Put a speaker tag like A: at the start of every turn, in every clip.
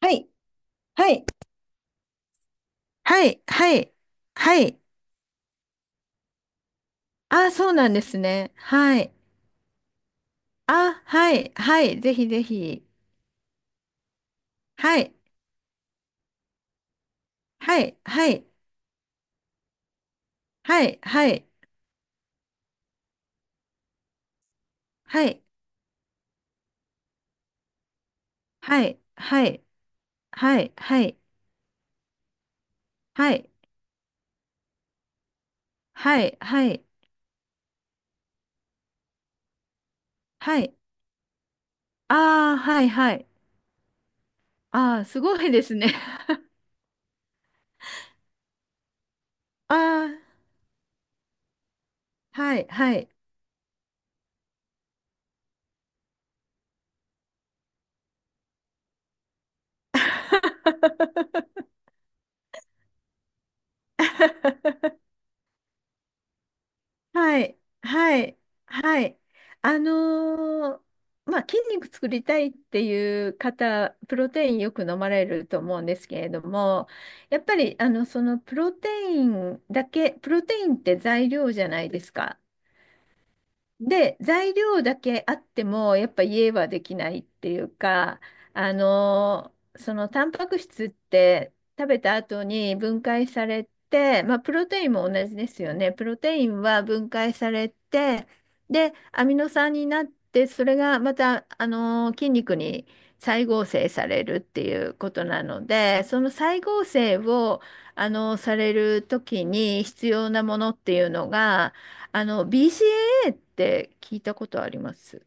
A: はい、はい。はい。はい、はい。ああ、そうなんですね。はい。あ、はい、はい。ぜひぜひ。はい、はい、はい、はい、はい、はい、はい、はい、はい、はい、はい、はい、はい、はい。ああ、はい、はい。ああ、すごいですね。ああ、はい、はい。はい、はい、はい。あのーまあ、筋肉作りたいっていう方、プロテインよく飲まれると思うんですけれども、やっぱり、そのプロテインって材料じゃないですか。で、材料だけあっても、やっぱ家はできないっていうか、あのそのタンパク質って食べた後に分解されて、まあ、プロテインも同じですよね。プロテインは分解されて、で、アミノ酸になって、それがまた、あの筋肉に再合成されるっていうことなので、その再合成を、あのされる時に必要なものっていうのが、あの b c a ーって聞いたことあります。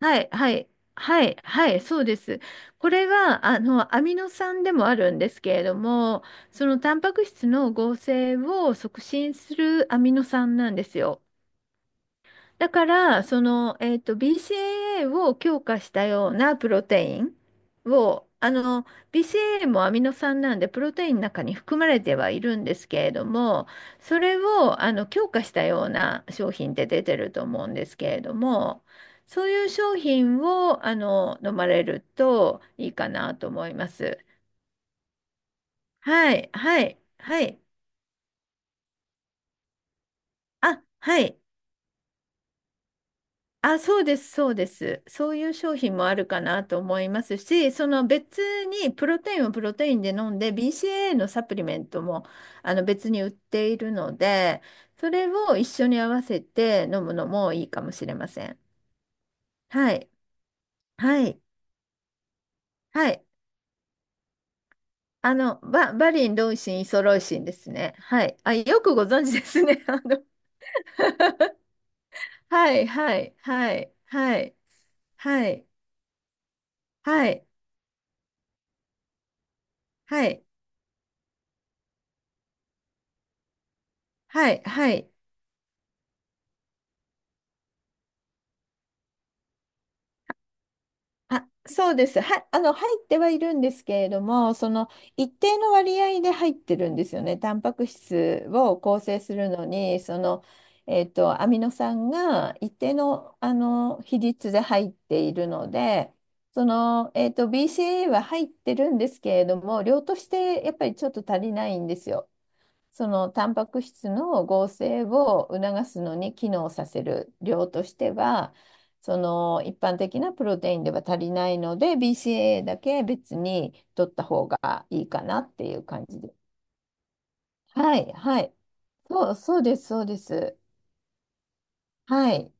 A: はい、はい、はい、はい、そうです。これは、アミノ酸でもあるんですけれども、そのタンパク質の合成を促進するアミノ酸なんですよ。だから、その、BCAA を強化したようなプロテインを、BCAA もアミノ酸なんで、プロテインの中に含まれてはいるんですけれども、それを、強化したような商品って出てると思うんですけれども、そういう商品を、飲まれるといいかなと思います。はい、はい、はい。あ、はい。あ、そうです、そうです。そういう商品もあるかなと思いますし、その別にプロテインをプロテインで飲んで、BCAA のサプリメントもあの別に売っているので、それを一緒に合わせて飲むのもいいかもしれません。はい。はい。はい。バリン、ロイシン、イソロイシンですね。はい。あ、よくご存知ですね。はい、はい、はい、はい、はい、はい、はい、はい、はい。はい。あ、そうです。入ってはいるんですけれども、その一定の割合で入ってるんですよね。タンパク質を構成するのに、その、アミノ酸が一定の、あの比率で入っているので、その、BCA は入ってるんですけれども、量としてやっぱりちょっと足りないんですよ。そのタンパク質の合成を促すのに機能させる量としては、その一般的なプロテインでは足りないので、b c a だけ別に取った方がいいかなっていう感じで。はい、はい。そう、そうです、そうです。はい、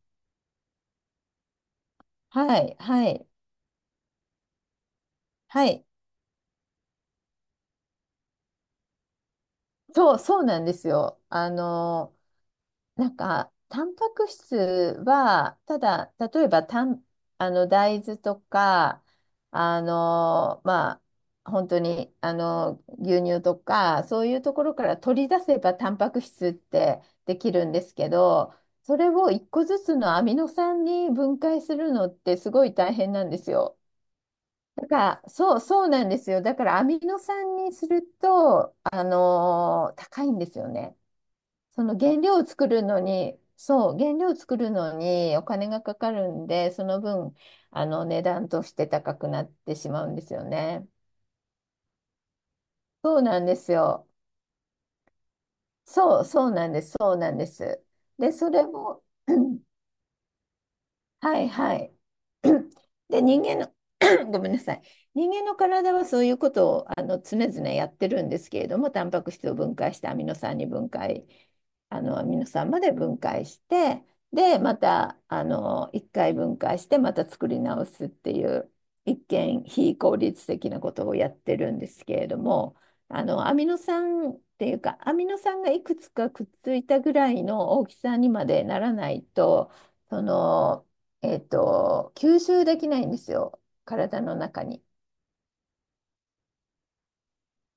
A: はい、はい、はい。そう、そうなんですよ。なんか、タンパク質は、ただ、例えば、大豆とか、まあ、本当に、牛乳とか、そういうところから取り出せばタンパク質ってできるんですけど、それを一個ずつのアミノ酸に分解するのってすごい大変なんですよ。だから、そう、そうなんですよ。だから、アミノ酸にすると、高いんですよね。その原料を作るのに、そう、原料を作るのにお金がかかるんで、その分、あの値段として高くなってしまうんですよね。そうなんですよ。そう、そうなんです。そうなんです。で、それも はい、はい。で、人間の ごめんなさい。人間の体はそういうことをあの常々やってるんですけれども、タンパク質を分解してアミノ酸に分解、あのアミノ酸まで分解して、で、またあの1回解して、また作り直すっていう、一見非効率的なことをやってるんですけれども、あのアミノ酸っていうか、アミノ酸がいくつかくっついたぐらいの大きさにまでならないと、その、吸収できないんですよ、体の中に。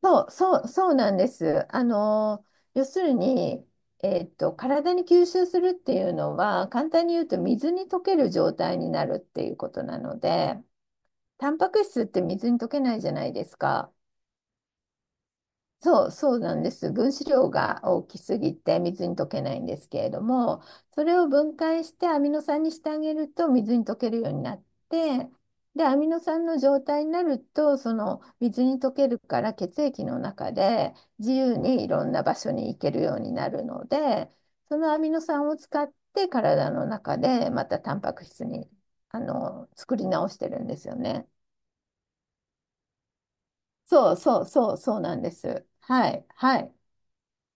A: そう、そう、そうなんです。要するに、体に吸収するっていうのは、簡単に言うと水に溶ける状態になるっていうことなので、タンパク質って水に溶けないじゃないですか。そう、そうなんです。分子量が大きすぎて水に溶けないんですけれども、それを分解してアミノ酸にしてあげると水に溶けるようになって、で、アミノ酸の状態になると、その水に溶けるから血液の中で自由にいろんな場所に行けるようになるので、そのアミノ酸を使って体の中でまたタンパク質に、作り直してるんですよね。そう、そう、そう、そうなんです。はい、はい。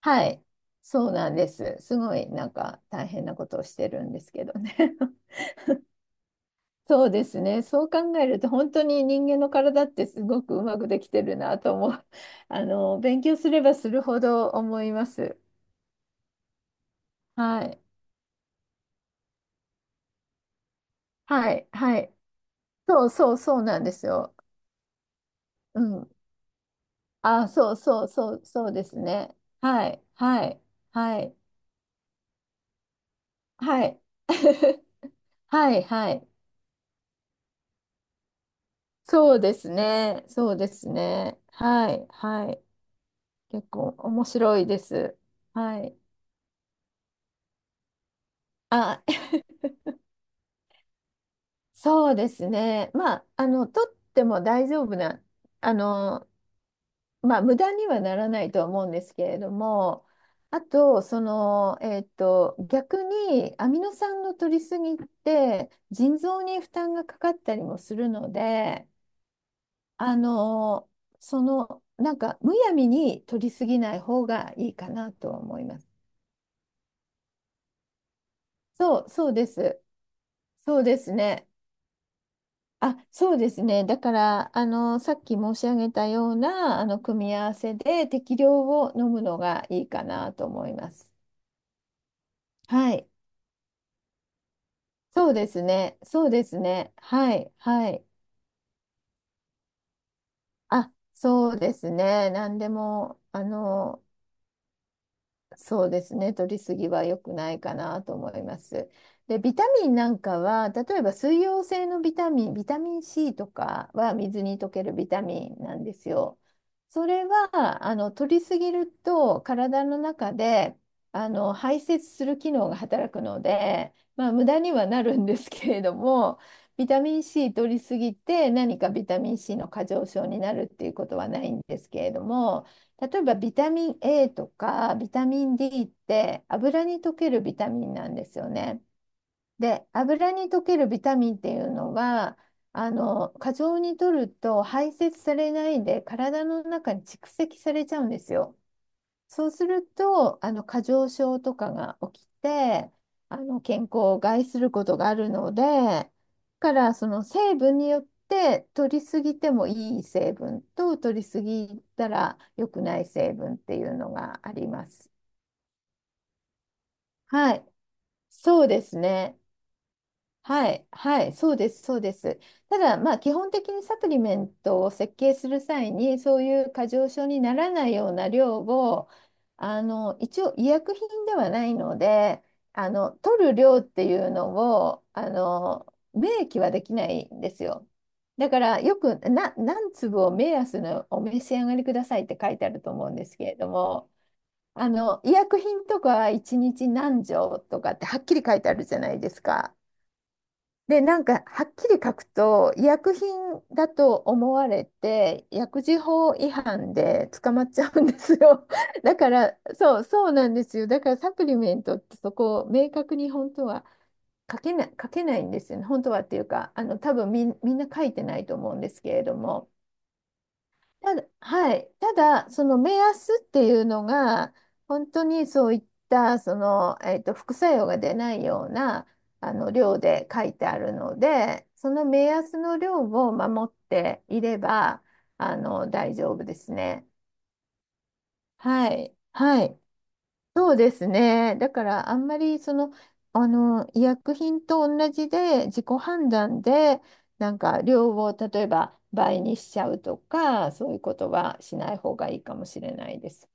A: はい、そうなんです。すごいなんか大変なことをしてるんですけどね。そうですね。そう考えると本当に人間の体ってすごくうまくできてるなと思う。勉強すればするほど思います。はい。はい。はい。そう、そう、そうなんですよ。うん。あ、そう、そう、そう、そうですね。はい。はい。はい。はい。はい。はい。そうですね。そうですね。はい。はい。結構面白いです。はい。あ、そうですね。まあ、取っても大丈夫な、あの、まあ、無駄にはならないとは思うんですけれども、あと、その、逆にアミノ酸の取りすぎって、腎臓に負担がかかったりもするので、あの、その、なんか、むやみに取りすぎない方がいいかなとは思います。そう、そうです。そうですね。あ、そうですね。だから、さっき申し上げたような、組み合わせで適量を飲むのがいいかなと思います。はい。そうですね。そうですね。はい。はい。あ、そうですね。何でも、そうですね。取りすぎは良くないかなと思います。で、ビタミンなんかは、例えば水溶性のビタミン、ビタミン C とかは水に溶けるビタミンなんですよ。それは、取りすぎると体の中で、排泄する機能が働くので、まあ、無駄にはなるんですけれども、ビタミン C 取りすぎて何かビタミン C の過剰症になるっていうことはないんですけれども、例えばビタミン A とかビタミン D って油に溶けるビタミンなんですよね。で、油に溶けるビタミンっていうのは、過剰に摂ると排泄されないで体の中に蓄積されちゃうんですよ。そうすると、あの過剰症とかが起きて、あの健康を害することがあるので、だからその成分によって取りすぎてもいい成分と取りすぎたら良くない成分っていうのがあります。はい、そうですね。はい、はい、そうです、そうです。ただ、まあ、基本的にサプリメントを設計する際に、そういう過剰症にならないような量を、一応医薬品ではないので、取る量っていうのを、明記はできないんですよ。だから、よく、何粒を目安のお召し上がりくださいって書いてあると思うんですけれども、医薬品とかは1日何錠とかってはっきり書いてあるじゃないですか。で、なんか、はっきり書くと、医薬品だと思われて、薬事法違反で捕まっちゃうんですよ。だから、そう、そうなんですよ。だから、サプリメントってそこを明確に本当は書けない、書けないんですよね。本当はっていうか、多分みんな書いてないと思うんですけれども。ただ、はい。ただ、その目安っていうのが、本当にそういった、その、副作用が出ないような、量で書いてあるので、その目安の量を守っていれば、大丈夫ですね。はい。はい。そうですね。だからあんまりその、あの医薬品と同じで自己判断でなんか量を例えば倍にしちゃうとかそういうことはしない方がいいかもしれないです。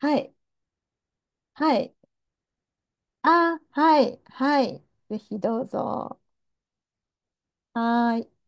A: はい。はい。あ、はい。はい。ぜひどうぞ。はーい。